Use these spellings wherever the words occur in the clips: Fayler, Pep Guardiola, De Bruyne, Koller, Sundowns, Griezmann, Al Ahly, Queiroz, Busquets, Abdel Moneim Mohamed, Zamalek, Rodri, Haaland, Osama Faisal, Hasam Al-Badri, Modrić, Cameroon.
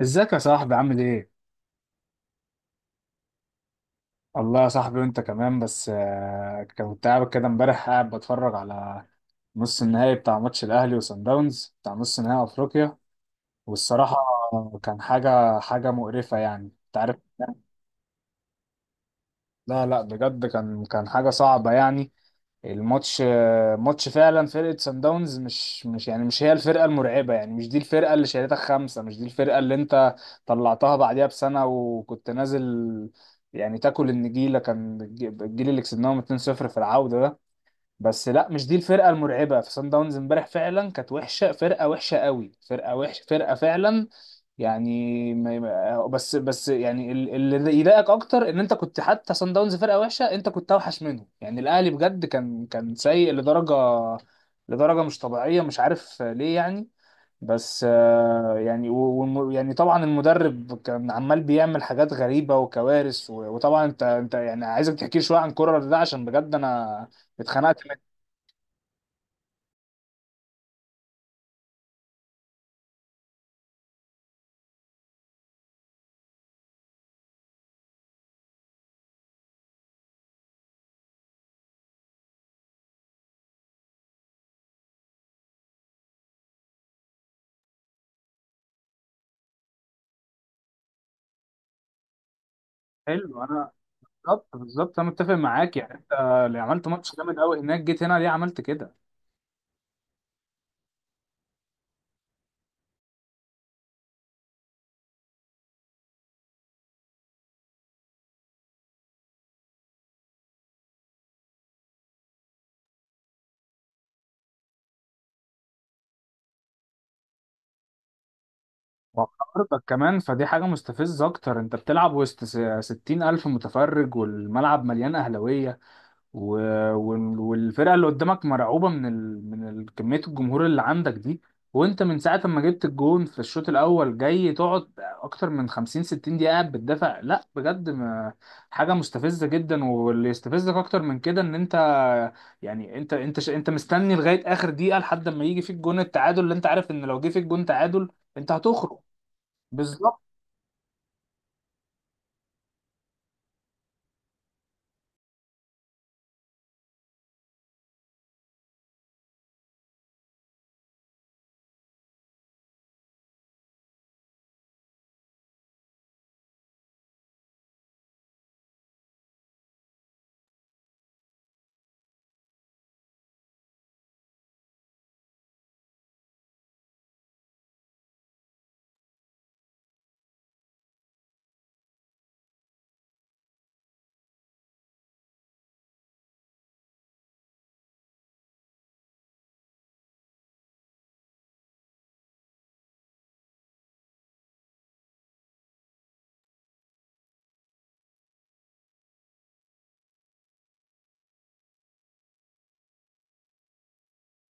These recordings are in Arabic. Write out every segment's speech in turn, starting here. ازيك يا صاحبي، عامل ايه؟ والله يا صاحبي وانت كمان. بس كنت قاعد كده امبارح قاعد بتفرج على نص النهائي بتاع ماتش الاهلي وصن داونز، بتاع نص نهائي افريقيا. والصراحة كان حاجة مقرفة، يعني انت عارف. لا لا، بجد كان حاجة صعبة يعني. الماتش ماتش فعلا، فرقة سان داونز مش هي الفرقة المرعبة، يعني مش دي الفرقة اللي شالتك خمسة، مش دي الفرقة اللي انت طلعتها بعديها بسنة وكنت نازل يعني تاكل النجيلة. كان الجيل اللي كسبناهم 2-0 في العودة ده. بس لا، مش دي الفرقة المرعبة. في سان داونز امبارح فعلا كانت وحشة، فرقة وحشة قوي، فرقة وحشة، فرقة فعلا. يعني بس يعني اللي يضايقك اكتر ان انت كنت، حتى صن داونز فرقه وحشه انت كنت اوحش منهم. يعني الاهلي بجد كان سيء لدرجه مش طبيعيه، مش عارف ليه يعني. بس يعني يعني طبعا المدرب كان عمال بيعمل حاجات غريبه وكوارث، وطبعا انت يعني، عايزك تحكي لي شويه عن كولر ده، عشان بجد انا اتخنقت منه. حلو. انا بالظبط، بالظبط انا متفق معاك يعني. انت اللي عملت ماتش جامد قوي هناك، جيت هنا ليه عملت كده؟ وارضك كمان، فدي حاجة مستفزة أكتر. أنت بتلعب وسط 60,000 متفرج، والملعب مليان أهلاوية، و... والفرقة اللي قدامك مرعوبة من كمية الجمهور اللي عندك دي. وأنت من ساعة ما جبت الجون في الشوط الأول جاي تقعد أكتر من 50 60 دقيقة قاعد بتدافع. لا بجد، ما... حاجة مستفزة جدا. واللي يستفزك أكتر من كده إن أنت يعني، أنت مستني لغاية آخر دقيقة، لحد ما يجي فيك جون التعادل، اللي أنت عارف إن لو جه فيك جون تعادل أنت هتخرج. بالظبط.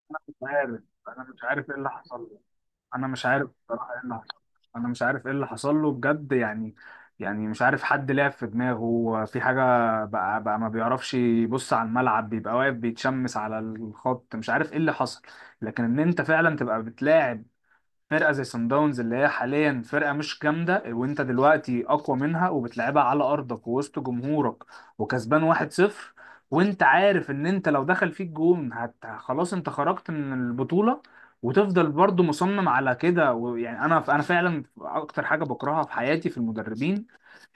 مش عارف، انا مش عارف ايه اللي حصل له، انا مش عارف بصراحه ايه اللي حصل له، انا مش عارف ايه اللي حصل له بجد يعني. يعني مش عارف، حد لعب في دماغه في حاجه؟ بقى ما بيعرفش يبص على الملعب، بيبقى واقف بيتشمس على الخط، مش عارف ايه اللي حصل. لكن ان انت فعلا تبقى بتلاعب فرقه زي سان داونز، اللي هي حاليا فرقه مش جامده، وانت دلوقتي اقوى منها وبتلعبها على ارضك ووسط جمهورك، وكسبان 1-0، وانت عارف ان انت لو دخل فيك جون خلاص انت خرجت من البطوله، وتفضل برضو مصمم على كده. ويعني انا فعلا اكتر حاجه بكرهها في حياتي في المدربين،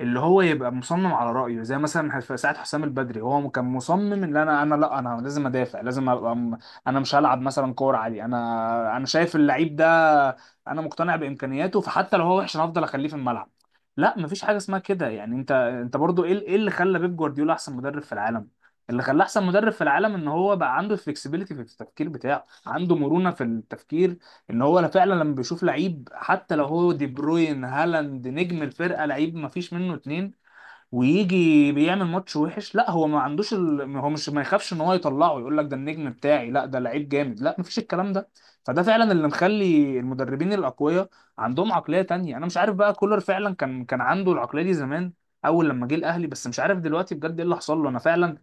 اللي هو يبقى مصمم على رأيه. زي مثلا في ساعة حسام البدري، هو كان مصمم ان انا انا لا انا لازم ادافع، لازم ابقى انا مش هلعب مثلا كورة عالية. انا شايف اللعيب ده، انا مقتنع بامكانياته، فحتى لو هو وحش انا هفضل اخليه في الملعب. لا، مفيش حاجه اسمها كده يعني. انت برضو، ايه اللي خلى بيب جوارديولا احسن مدرب في العالم؟ اللي خلاه احسن مدرب في العالم ان هو بقى عنده فلكسبيليتي في التفكير بتاعه، عنده مرونه في التفكير. ان هو فعلا لما بيشوف لعيب، حتى لو هو دي بروين، هالاند، نجم الفرقه، لعيب مفيش منه اتنين، ويجي بيعمل ماتش وحش، لا هو ما عندوش هو مش، ما يخافش ان هو يطلعه، يقول لك ده النجم بتاعي، لا ده لعيب جامد، لا مفيش الكلام ده. فده فعلا اللي مخلي المدربين الاقوياء عندهم عقلية تانية. انا مش عارف بقى، كولر فعلا كان عنده العقلية دي زمان، اول لما جه الاهلي، بس مش عارف دلوقتي بجد ايه اللي حصل له، انا فعلا.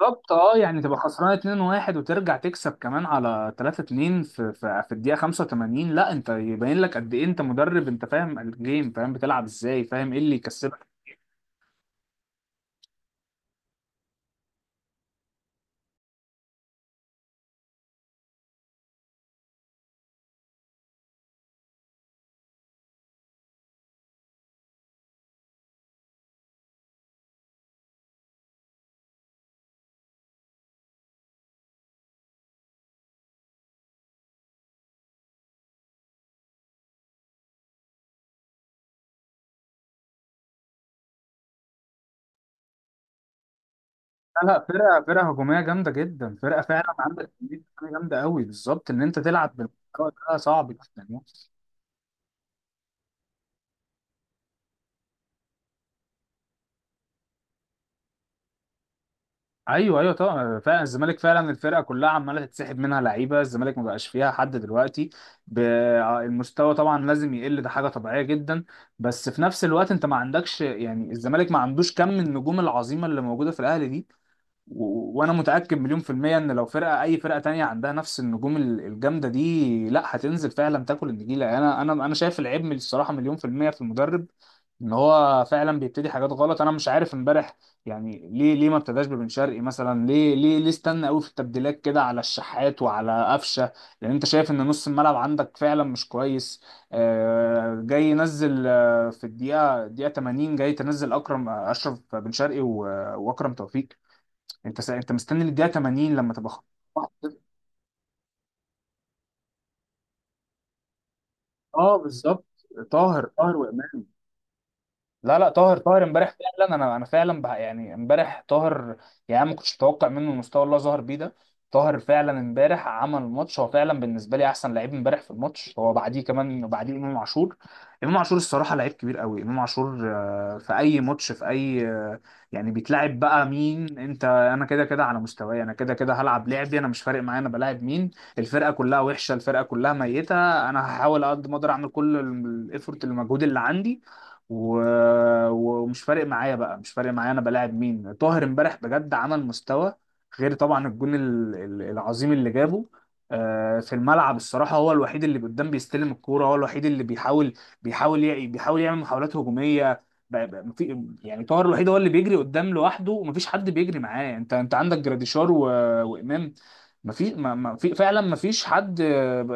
بالظبط. اه يعني، تبقى خسران 2-1 وترجع تكسب كمان على 3-2 في الدقيقة 85، لا انت يبين لك قد ايه انت مدرب، انت فاهم الجيم، فاهم بتلعب ازاي، فاهم ايه اللي يكسبك. لا لا، فرقة هجومية جامدة جدا، فرقة فعلا، عندك كمية لعيبة جامدة قوي. بالظبط، ان انت تلعب بالمستوى ده صعب جدا يعني. ايوه ايوه طبعا، فعلا الزمالك فعلا الفرقة كلها عمالة تتسحب منها لعيبة. الزمالك ما بقاش فيها حد دلوقتي، ب- المستوى طبعا لازم يقل، ده حاجة طبيعية جدا. بس في نفس الوقت انت ما عندكش، يعني الزمالك ما عندوش كم النجوم العظيمة اللي موجودة في الاهلي دي، وانا متاكد مليون في الميه ان لو فرقه، اي فرقه تانية عندها نفس النجوم الجامده دي، لا هتنزل فعلا تاكل النجيله. يعني انا شايف العيب من الصراحه مليون في الميه في المدرب، ان هو فعلا بيبتدي حاجات غلط. انا مش عارف امبارح يعني، ليه ما ابتداش ببن شرقي مثلا؟ ليه استنى قوي في التبديلات كده على الشحات وعلى قفشه؟ لان انت شايف ان نص الملعب عندك فعلا مش كويس. جاي ينزل في الدقيقه 80 جاي تنزل اكرم اشرف، بن شرقي واكرم توفيق. انت انت مستني للدقيقه 80 لما تبقى خلاص. اه، بالظبط. طاهر طاهر وامام. لا لا، طاهر طاهر امبارح فعلا، انا فعلا بح يعني، امبارح طاهر. يعني أنا ما كنتش متوقع منه المستوى اللي هو ظهر بيه ده. طاهر فعلا امبارح عمل ماتش، هو فعلا بالنسبه لي احسن لعيب امبارح في الماتش، هو بعديه كمان بعديه امام عاشور. امام عاشور الصراحه لعيب كبير قوي، امام عاشور في اي ماتش، في اي يعني بيتلعب بقى مين. انت انا كده كده على مستواي، انا كده كده هلعب لعبي، انا مش فارق معايا انا بلاعب مين، الفرقه كلها وحشه، الفرقه كلها ميته. انا هحاول على قد ما اقدر اعمل كل الايفورت، المجهود اللي عندي و... ومش فارق معايا بقى، مش فارق معايا انا بلاعب مين. طاهر امبارح بجد عمل مستوى، غير طبعا الجون العظيم اللي جابه في الملعب. الصراحة هو الوحيد اللي قدام بيستلم الكورة، هو الوحيد اللي بيحاول، بيحاول بيحاول يعمل محاولات هجومية. يعني طاهر الوحيد هو اللي بيجري قدام لوحده، ومفيش حد بيجري معاه. انت عندك جراديشار وامام، مفيش، ما في فعلا مفيش حد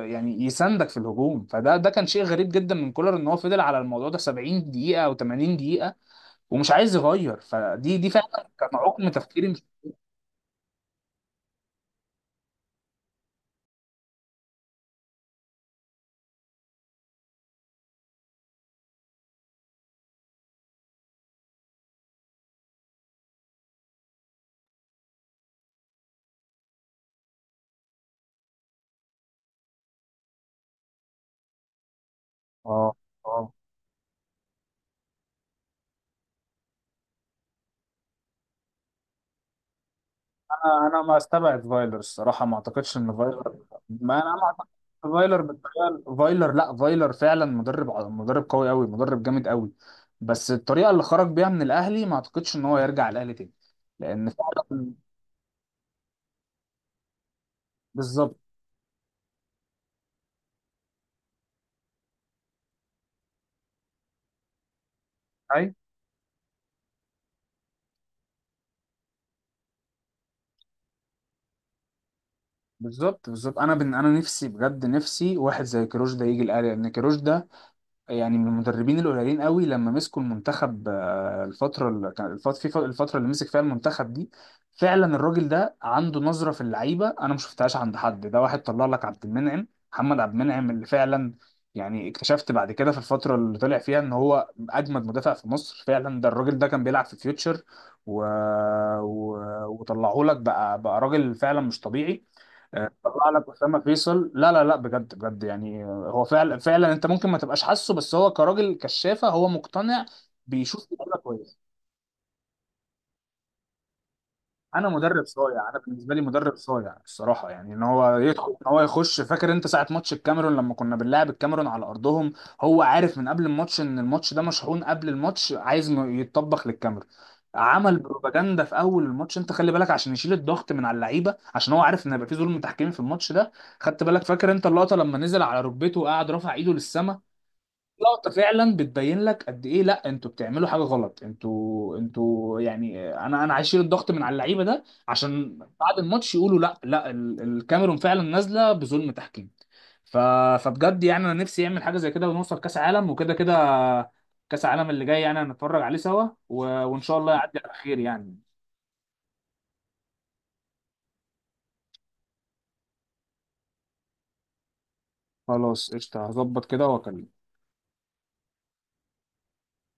يعني يساندك في الهجوم. فده كان شيء غريب جدا من كولر، ان هو فضل على الموضوع ده 70 دقيقة او 80 دقيقة ومش عايز يغير. فدي فعلا كان عقم تفكيري، مش. اه، اه، انا ما استبعد فايلر الصراحة، ما اعتقدش ان فايلر. ما انا ما اعتقدش إن فايلر بالطريقة، فايلر لا، فايلر فعلا مدرب مدرب قوي قوي، مدرب جامد قوي. بس الطريقة اللي خرج بيها من الاهلي ما اعتقدش ان هو يرجع الاهلي تاني، لان فعلا بالظبط، بالظبط، بالظبط. انا نفسي بجد، نفسي واحد زي كيروش ده يجي الاهلي، لان كيروش ده يعني من المدربين القليلين قوي. لما مسكوا المنتخب الفتره اللي كان الفت... في ف- الفتره اللي مسك فيها المنتخب دي، فعلا الراجل ده عنده نظره في اللعيبه انا ما شفتهاش عند حد. ده واحد طلع لك عبد المنعم، محمد عبد المنعم، اللي فعلا يعني اكتشفت بعد كده في الفتره اللي طلع فيها ان هو اجمد مدافع في مصر فعلا، ده الراجل ده كان بيلعب في فيوتشر و... و... وطلعه لك بقى راجل فعلا مش طبيعي. طلع لك اسامه فيصل. لا لا لا، بجد بجد يعني، هو فعلا فعلا انت ممكن ما تبقاش حاسه، بس هو كراجل كشافه هو مقتنع، بيشوف اللعيبه كويس. انا مدرب صايع، انا بالنسبه لي مدرب صايع الصراحه يعني، ان هو يدخل، ان هو يخش. فاكر انت ساعه ماتش الكاميرون لما كنا بنلعب الكاميرون على ارضهم؟ هو عارف من قبل الماتش ان الماتش ده مشحون، قبل الماتش عايز انه يتطبخ للكاميرون. عمل بروباجندا في اول الماتش، انت خلي بالك، عشان يشيل الضغط من على اللعيبه، عشان هو عارف ان هيبقى في ظلم تحكيمي في الماتش ده. خدت بالك؟ فاكر انت اللقطه لما نزل على ركبته وقعد رافع ايده للسما؟ لقطة فعلا بتبين لك قد ايه، لا انتوا بتعملوا حاجة غلط، انتوا يعني، انا هشيل الضغط من على اللعيبة، ده عشان بعد الماتش يقولوا لا لا الكاميرون فعلا نازلة بظلم تحكيم. ف... فبجد يعني انا نفسي يعمل حاجة زي كده، ونوصل كأس عالم وكده كده. كأس عالم اللي جاي يعني هنتفرج عليه سوا وان شاء الله يعدي على خير يعني. خلاص قشطة، هظبط كده واكلمك.